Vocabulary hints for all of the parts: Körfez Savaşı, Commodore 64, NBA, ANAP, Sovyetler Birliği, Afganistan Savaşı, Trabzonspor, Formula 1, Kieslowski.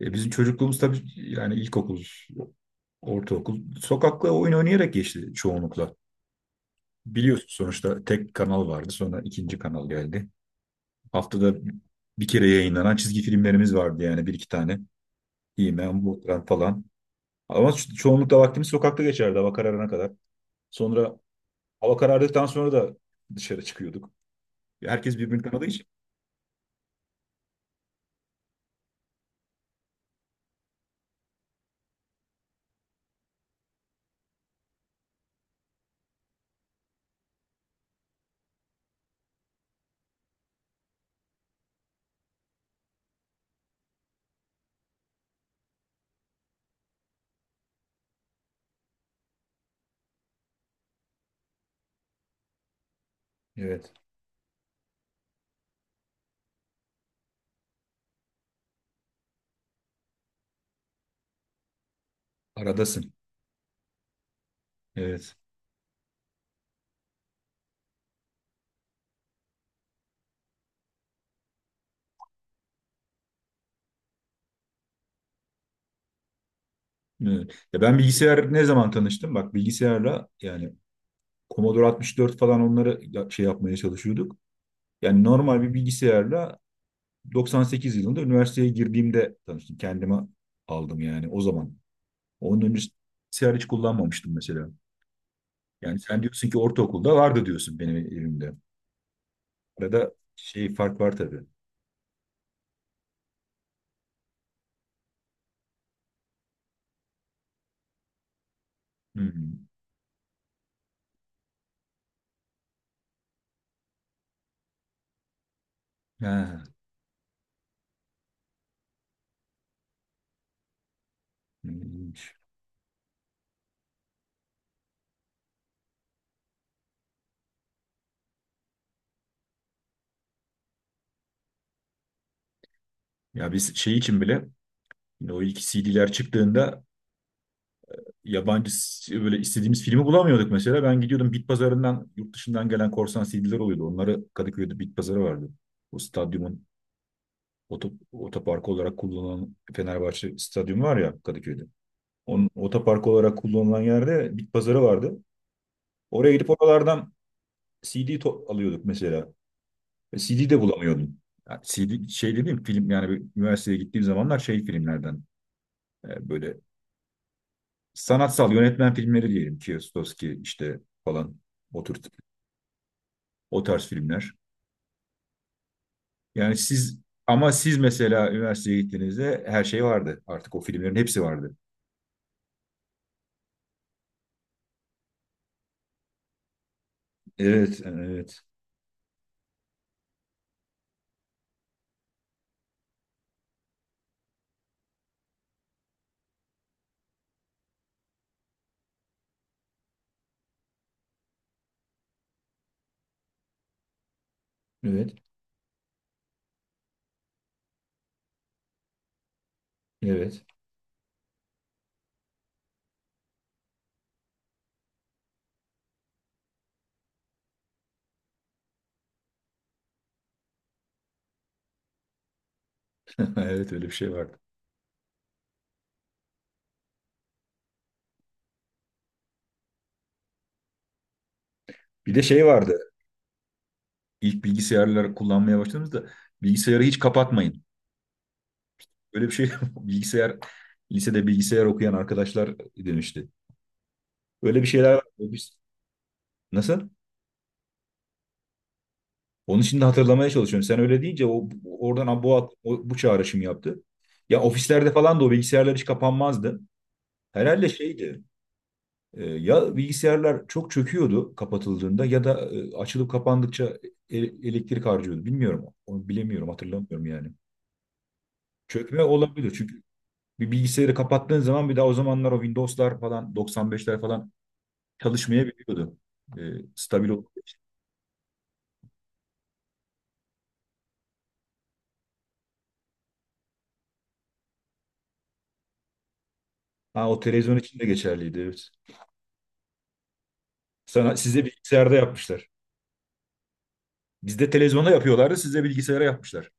Bizim çocukluğumuz tabii, yani ilkokul, ortaokul sokakla oyun oynayarak geçti çoğunlukla. Biliyorsun sonuçta tek kanal vardı, sonra ikinci kanal geldi. Haftada bir kere yayınlanan çizgi filmlerimiz vardı, yani bir iki tane. He-Man, Boomerang falan. Ama çoğunlukla vaktimiz sokakta geçerdi, hava kararına kadar. Sonra hava karardıktan sonra da dışarı çıkıyorduk. Herkes birbirini tanıdığı için. Evet. Aradasın. Evet. Evet. Ya ben bilgisayar ne zaman tanıştım? Bak, bilgisayarla yani Commodore 64 falan, onları şey yapmaya çalışıyorduk. Yani normal bir bilgisayarla 98 yılında üniversiteye girdiğimde tanıştım. Kendime aldım yani, o zaman. Onun önce bilgisayar hiç kullanmamıştım mesela. Yani sen diyorsun ki ortaokulda vardı diyorsun, benim evimde. Arada şey fark var tabii. Hmm. Ha, ilginç. Ya biz şey için bile, yine o ilk C D'ler çıktığında, yabancı böyle istediğimiz filmi bulamıyorduk mesela. Ben gidiyordum bit pazarından, yurt dışından gelen korsan C D'ler oluyordu. Onları Kadıköy'de bit pazarı vardı. O stadyumun otoparkı olarak kullanılan Fenerbahçe stadyumu var ya, Kadıköy'de. Onun otoparkı olarak kullanılan yerde bit pazarı vardı. Oraya gidip oralardan alıyorduk mesela. Ve C D de bulamıyordum. Yani C D şey dediğim film, yani bir üniversiteye gittiğim zamanlar şey filmlerden, böyle sanatsal yönetmen filmleri, diyelim ki Kieslowski işte falan, o tür. O tarz filmler. Yani siz, ama siz mesela üniversiteye gittiğinizde her şey vardı. Artık o filmlerin hepsi vardı. Evet, evet, evet, evet. Evet, öyle bir şey vardı. Bir de şey vardı. İlk bilgisayarları kullanmaya başladığımızda, bilgisayarı hiç kapatmayın. Öyle bir şey bilgisayar, lisede bilgisayar okuyan arkadaşlar demişti. Öyle bir şeyler var. Biz- Nasıl? Onun için de hatırlamaya çalışıyorum. Sen öyle deyince o oradan bu çağrışım yaptı. Ya ofislerde falan da o bilgisayarlar hiç kapanmazdı. Herhalde şeydi. Ya bilgisayarlar çok çöküyordu kapatıldığında, ya da açılıp kapandıkça elektrik harcıyordu. Bilmiyorum. Onu bilemiyorum, hatırlamıyorum yani. Çökme olabilir, çünkü bir bilgisayarı kapattığın zaman, bir daha o zamanlar o Windows'lar falan, 95'ler falan çalışmayabiliyordu. E, Stabil oldu. Ha, o televizyon için de geçerliydi. Evet. Sana, size bilgisayarda yapmışlar. Bizde televizyonda yapıyorlardı, size bilgisayara yapmışlar.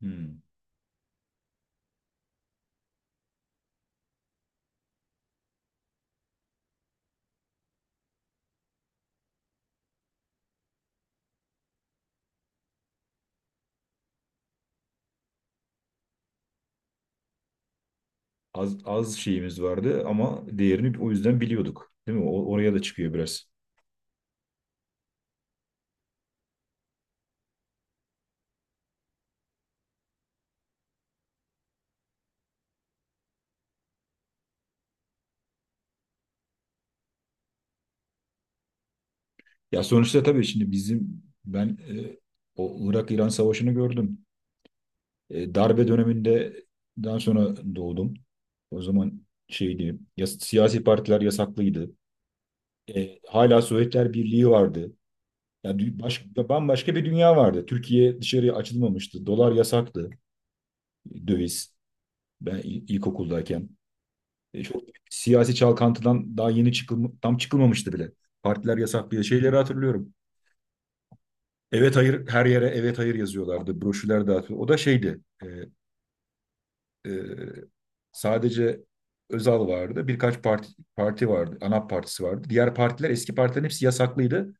Hmm. Az şeyimiz vardı ama değerini o yüzden biliyorduk. Değil mi? Oraya da çıkıyor biraz. Ya sonuçta tabii, şimdi bizim ben o Irak-İran Savaşı'nı gördüm. Darbe döneminde daha sonra doğdum. O zaman şeydi, ya, siyasi partiler yasaklıydı. Hala Sovyetler Birliği vardı. Ya bambaşka bir dünya vardı. Türkiye dışarıya açılmamıştı. Dolar yasaktı. Döviz. Ben ilkokuldayken. Çok siyasi çalkantıdan daha yeni tam çıkılmamıştı bile. Partiler yasaklıyor. Şeyleri hatırlıyorum. Evet hayır, her yere evet hayır yazıyorlardı. Broşürler dağıtıyor. O da şeydi. E, Sadece Özal vardı. Parti vardı. ANAP partisi vardı. Diğer partiler, eski partilerin hepsi yasaklıydı.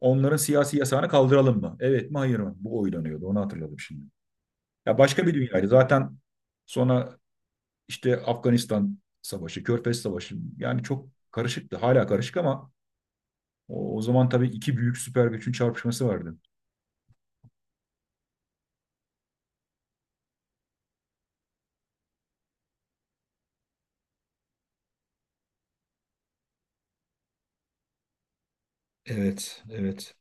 Onların siyasi yasağını kaldıralım mı? Evet mi hayır mı? Bu oylanıyordu. Onu hatırladım şimdi. Ya başka bir dünyaydı. Zaten sonra işte Afganistan Savaşı, Körfez Savaşı, yani çok karışıktı. Hala karışık ama, o zaman tabii iki büyük süper gücün çarpışması vardı. Evet, evet,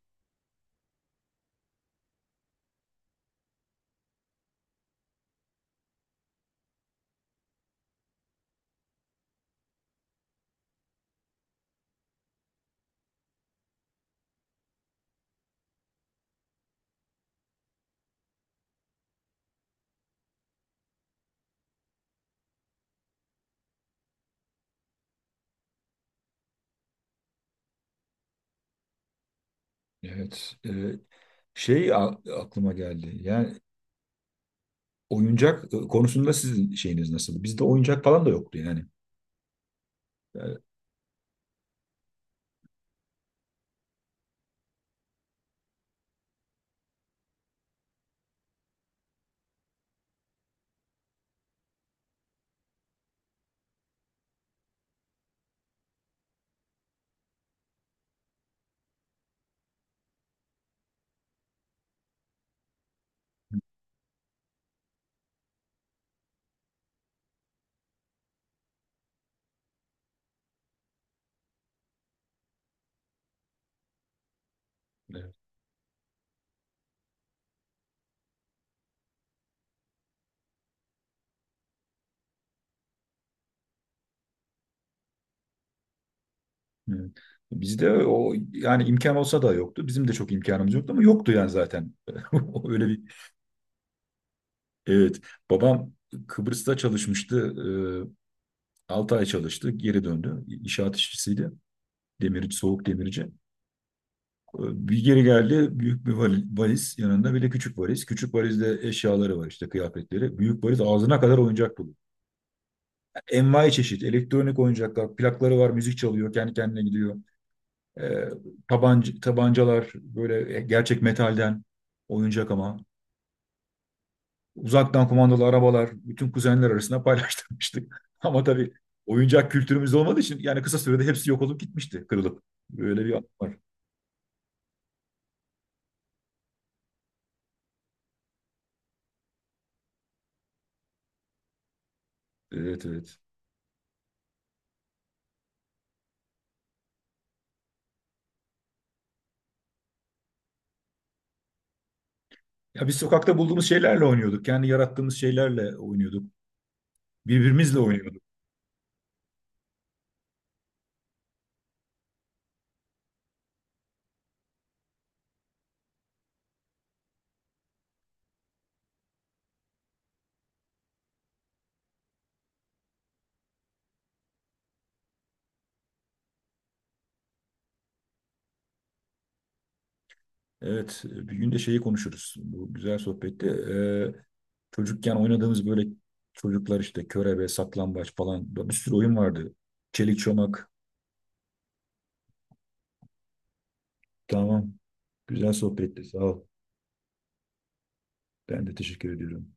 evet. Şey aklıma geldi. Yani oyuncak konusunda sizin şeyiniz nasıl? Bizde oyuncak falan da yoktu yani. Yani. Evet. Evet. Bizde o, yani imkan olsa da yoktu. Bizim de çok imkanımız yoktu, ama yoktu yani zaten. Öyle bir, evet, babam Kıbrıs'ta çalışmıştı. 6 ay çalıştı, geri döndü. İnşaat işçisiydi. Demirci, soğuk demirci. Bir geri geldi, büyük bir valiz, yanında bir de küçük valiz. Küçük valizde eşyaları var, işte kıyafetleri. Büyük valiz ağzına kadar oyuncak dolu. Envai çeşit, elektronik oyuncaklar, plakları var, müzik çalıyor, kendi kendine gidiyor. E, Tabanca, tabancalar böyle gerçek metalden, oyuncak ama. Uzaktan kumandalı arabalar, bütün kuzenler arasında paylaştırmıştık. Ama tabii oyuncak kültürümüz olmadığı için yani kısa sürede hepsi yok olup gitmişti, kırılıp. Böyle bir an var. Evet, evet. Ya biz sokakta bulduğumuz şeylerle oynuyorduk. Kendi yarattığımız şeylerle oynuyorduk. Birbirimizle oynuyorduk. Evet, bir gün de şeyi konuşuruz. Bu güzel sohbette. Çocukken oynadığımız böyle çocuklar işte, körebe, saklambaç falan, bir sürü oyun vardı. Çelik çomak. Tamam. Güzel sohbetti. Sağ ol. Ben de teşekkür ediyorum.